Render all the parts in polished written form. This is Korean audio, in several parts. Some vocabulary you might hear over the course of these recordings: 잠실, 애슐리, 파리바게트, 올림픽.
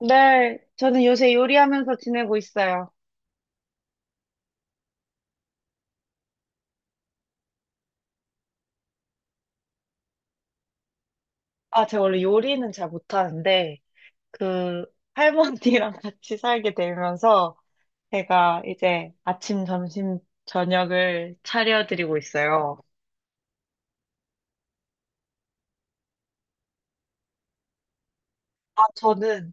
네, 저는 요새 요리하면서 지내고 있어요. 아, 제가 원래 요리는 잘 못하는데, 그, 할머니랑 같이 살게 되면서, 제가 이제 아침, 점심, 저녁을 차려드리고 있어요. 아, 저는,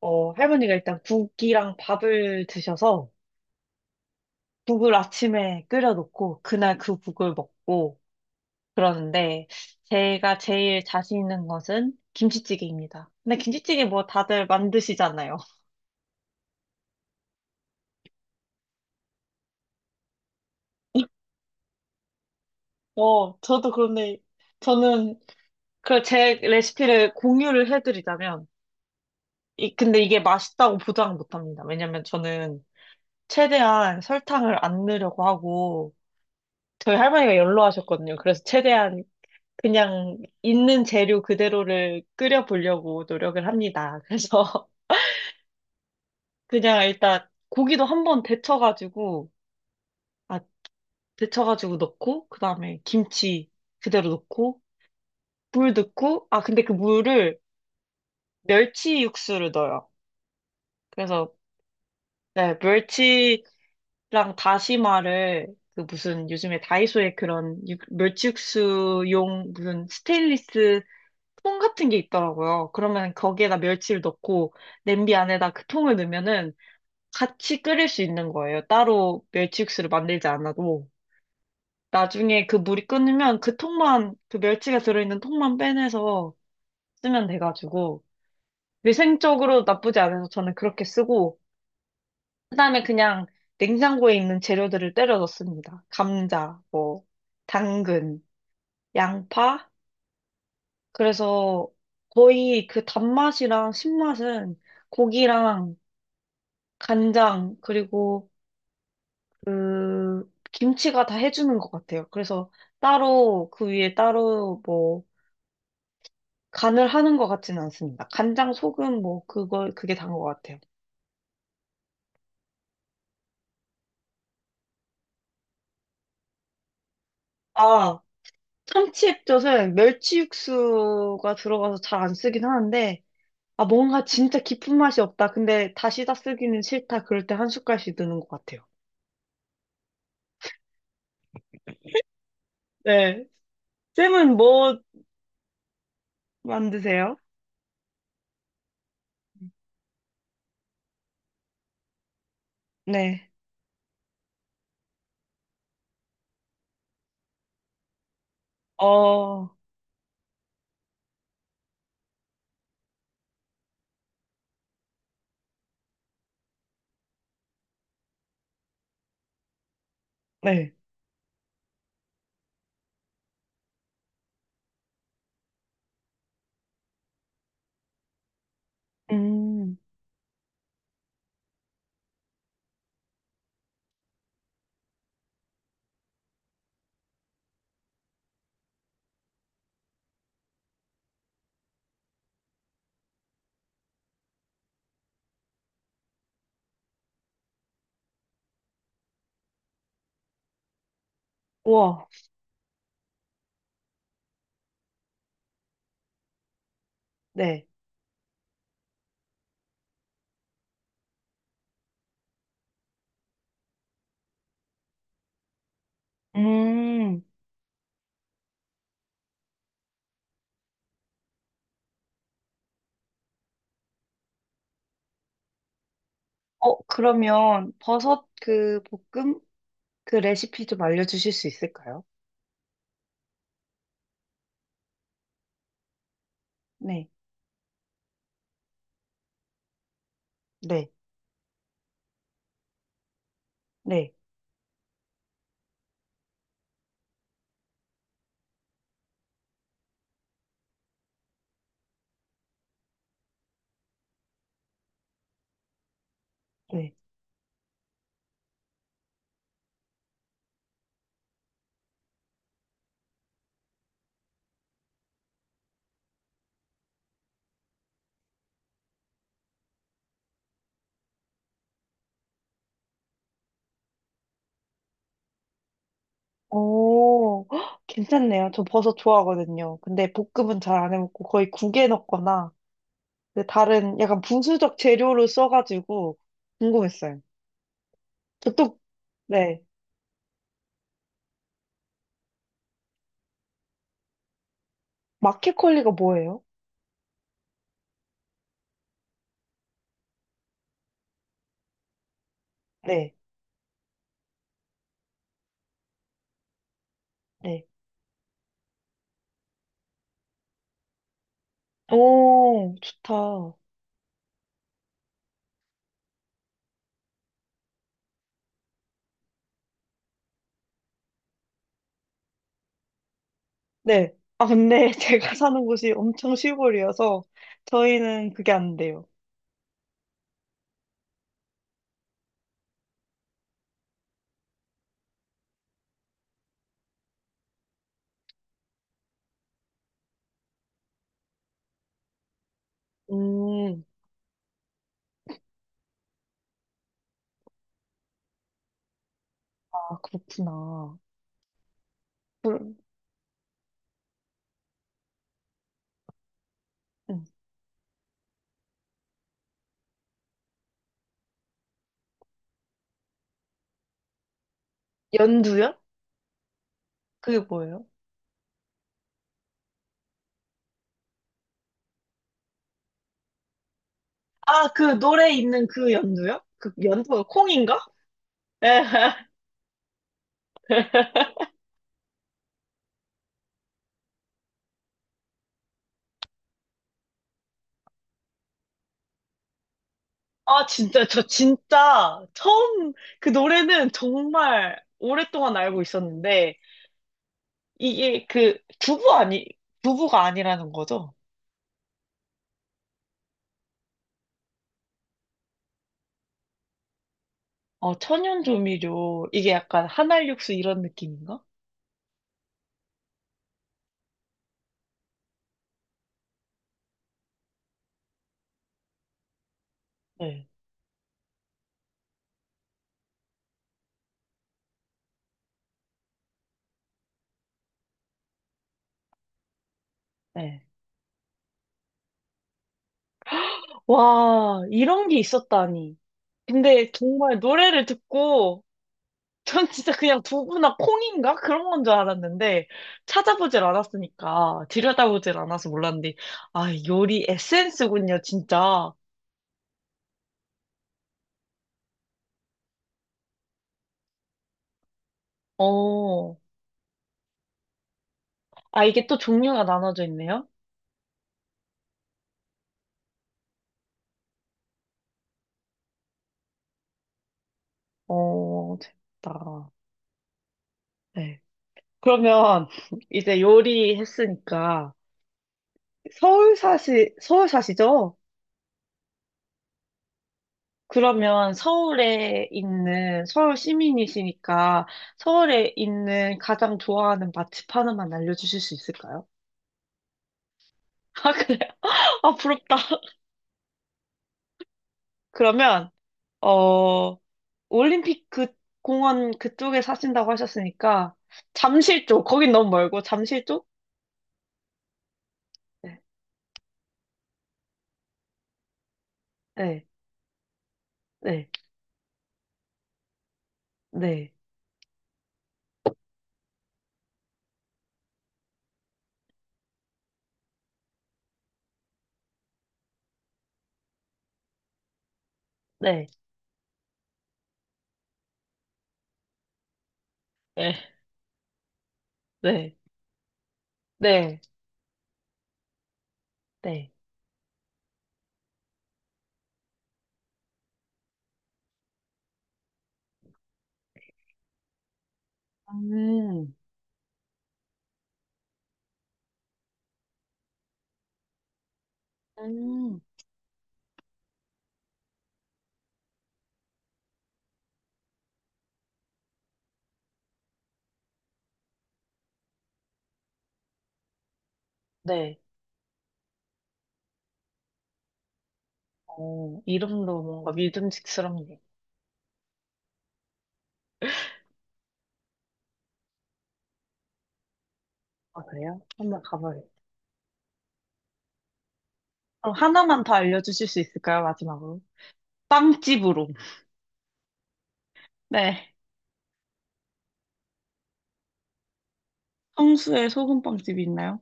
어, 할머니가 일단 국이랑 밥을 드셔서, 국을 아침에 끓여놓고, 그날 그 국을 먹고, 그러는데, 제가 제일 자신 있는 것은 김치찌개입니다. 근데 김치찌개 뭐 다들 만드시잖아요. 저도 그런데, 저는 제 레시피를 공유를 해드리자면, 근데 이게 맛있다고 보장은 못합니다. 왜냐면 저는 최대한 설탕을 안 넣으려고 하고, 저희 할머니가 연로하셨거든요. 그래서 최대한 그냥 있는 재료 그대로를 끓여보려고 노력을 합니다. 그래서 그냥 일단 고기도 한번 아, 데쳐가지고 넣고, 그 다음에 김치 그대로 넣고, 물 넣고, 아, 근데 그 물을 멸치 육수를 넣어요. 그래서 네, 멸치랑 다시마를 그 무슨 요즘에 다이소에 그런 멸치육수용 무슨 스테인리스 통 같은 게 있더라고요. 그러면 거기에다 멸치를 넣고 냄비 안에다 그 통을 넣으면은 같이 끓일 수 있는 거예요. 따로 멸치육수를 만들지 않아도. 나중에 그 물이 끓으면 그 멸치가 들어있는 통만 빼내서 쓰면 돼가지고 위생적으로 나쁘지 않아서 저는 그렇게 쓰고, 그다음에 그냥 냉장고에 있는 재료들을 때려 넣습니다. 감자, 뭐 당근, 양파. 그래서 거의 그 단맛이랑 신맛은 고기랑 간장 그리고 그 김치가 다 해주는 것 같아요. 그래서 따로 그 위에 따로 뭐 간을 하는 것 같지는 않습니다. 간장, 소금 뭐 그거 그게 단 것 같아요. 아 참치 액젓은 멸치 육수가 들어가서 잘 안 쓰긴 하는데. 뭔가 진짜 깊은 맛이 없다. 근데 다시다 쓰기는 싫다. 그럴 때 한 숟갈씩 드는 것 같아요. 네. 쌤은 뭐 만드세요? 네. 어, 네. 음. 우와. 네. 음. 어. 그러면 버섯 그 볶음 그 레시피 좀 알려주실 수 있을까요? 네. 네. 네. 네. 오, 헉, 괜찮네요. 저 버섯 좋아하거든요. 근데 볶음은 잘 안 해먹고 거의 국에 넣거나 그 다른 약간 부수적 재료로 써가지고 궁금했어요. 저 또, 네. 마켓컬리가 뭐예요? 네, 네. 오, 좋다. 네. 아, 근데 제가 사는 곳이 엄청 시골이어서 저희는 그게 안 돼요. 음. 아, 그렇구나. 그, 음. 연두요? 그게 뭐예요? 아, 그 노래 있는 그 연두요? 그 연두가 콩인가? 아, 진짜, 저 진짜 처음 그 노래는 정말 오랫동안 알고 있었는데, 이게 그 부부 아니, 부부가 아니라는 거죠? 천연조미료. 이게 약간 한알육수 이런 느낌인가? 네, 네. 와, 이런 게 있었다니. 근데 정말 노래를 듣고, 전 진짜 그냥 두부나 콩인가? 그런 건 줄 알았는데, 찾아보질 않았으니까, 들여다보질 않아서 몰랐는데, 아, 요리 에센스군요, 진짜. 어, 이게 또 종류가 나눠져 있네요? 어, 재밌다. 네. 그러면 이제 요리했으니까 서울 사시죠? 그러면 서울 시민이시니까 서울에 있는 가장 좋아하는 맛집 하나만 알려주실 수 있을까요? 아, 그래요? 아, 부럽다. 그러면, 어, 올림픽 공원 그쪽에 사신다고 하셨으니까 잠실 쪽, 거긴 너무 멀고 잠실 쪽? 네. 네, 네, 네, 네, 네, 네, 네, 네. 음, 음, 네. 어, 이름도 뭔가 믿음직스럽네요. 아, 그래요? 한번 가봐요. 그럼 하나만 더 알려주실 수 있을까요? 마지막으로. 빵집으로. 네, 성수에 소금빵집이 있나요?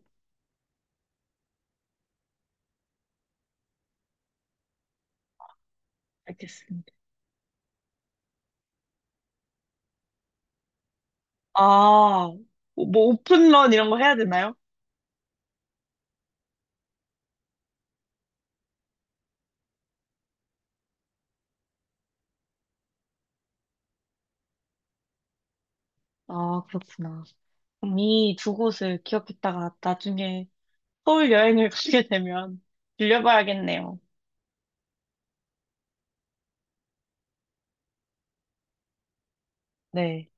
알겠습니다. 아, 뭐 오픈런 이런 거 해야 되나요? 아, 그렇구나. 그럼 이 두 곳을 기억했다가 나중에 서울 여행을 가게 되면 들려봐야겠네요. 네.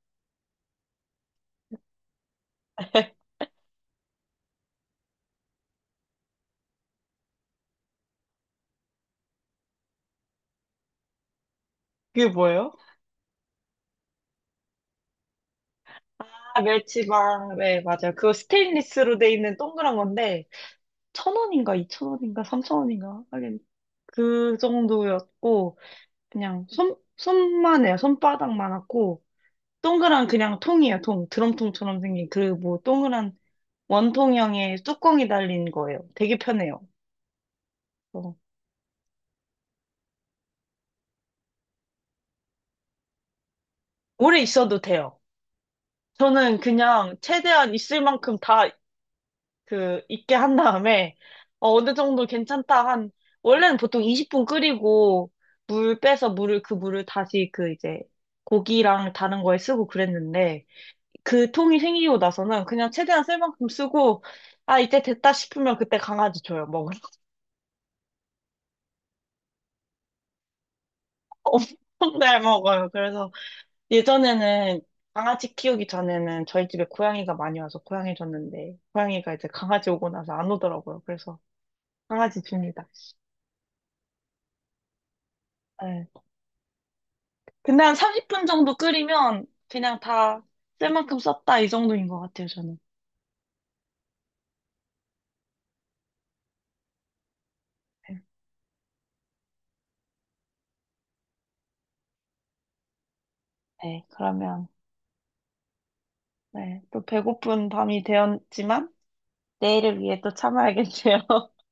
그게 뭐예요? 아, 멸치밥. 네, 맞아요. 그거 스테인리스로 돼 있는 동그란 건데, 천 원인가, 이천 원인가, 삼천 원인가. 하긴, 그 정도였고, 그냥 손만 해요. 손바닥만 하고, 동그란 그냥 통이에요, 통. 드럼통처럼 생긴 그 뭐, 동그란 원통형의 뚜껑이 달린 거예요. 되게 편해요. 어, 오래 있어도 돼요. 저는 그냥 최대한 있을 만큼 다 그 익게 한 다음에 느 정도 괜찮다 한 원래는 보통 20분 끓이고 물 빼서 물을 다시 그 이제 고기랑 다른 거에 쓰고 그랬는데, 그 통이 생기고 나서는 그냥 최대한 쓸 만큼 쓰고, 아 이제 됐다 싶으면 그때 강아지 줘요, 먹으러. 엄청 잘 먹어요. 그래서 예전에는, 강아지 키우기 전에는 저희 집에 고양이가 많이 와서 고양이 줬는데, 고양이가 이제 강아지 오고 나서 안 오더라고요. 그래서 강아지 줍니다. 네. 근데 한 30분 정도 끓이면 그냥 다 쓸 만큼 썼다 이 정도인 것 같아요, 저는. 네, 그러면. 네, 또 배고픈 밤이 되었지만 내일을 위해 또 참아야겠네요.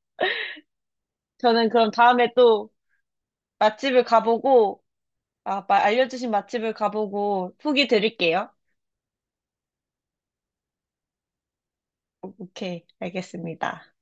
저는 그럼 다음에 또 맛집을 가보고, 알려주신 맛집을 가보고 후기 드릴게요. 오케이, 알겠습니다.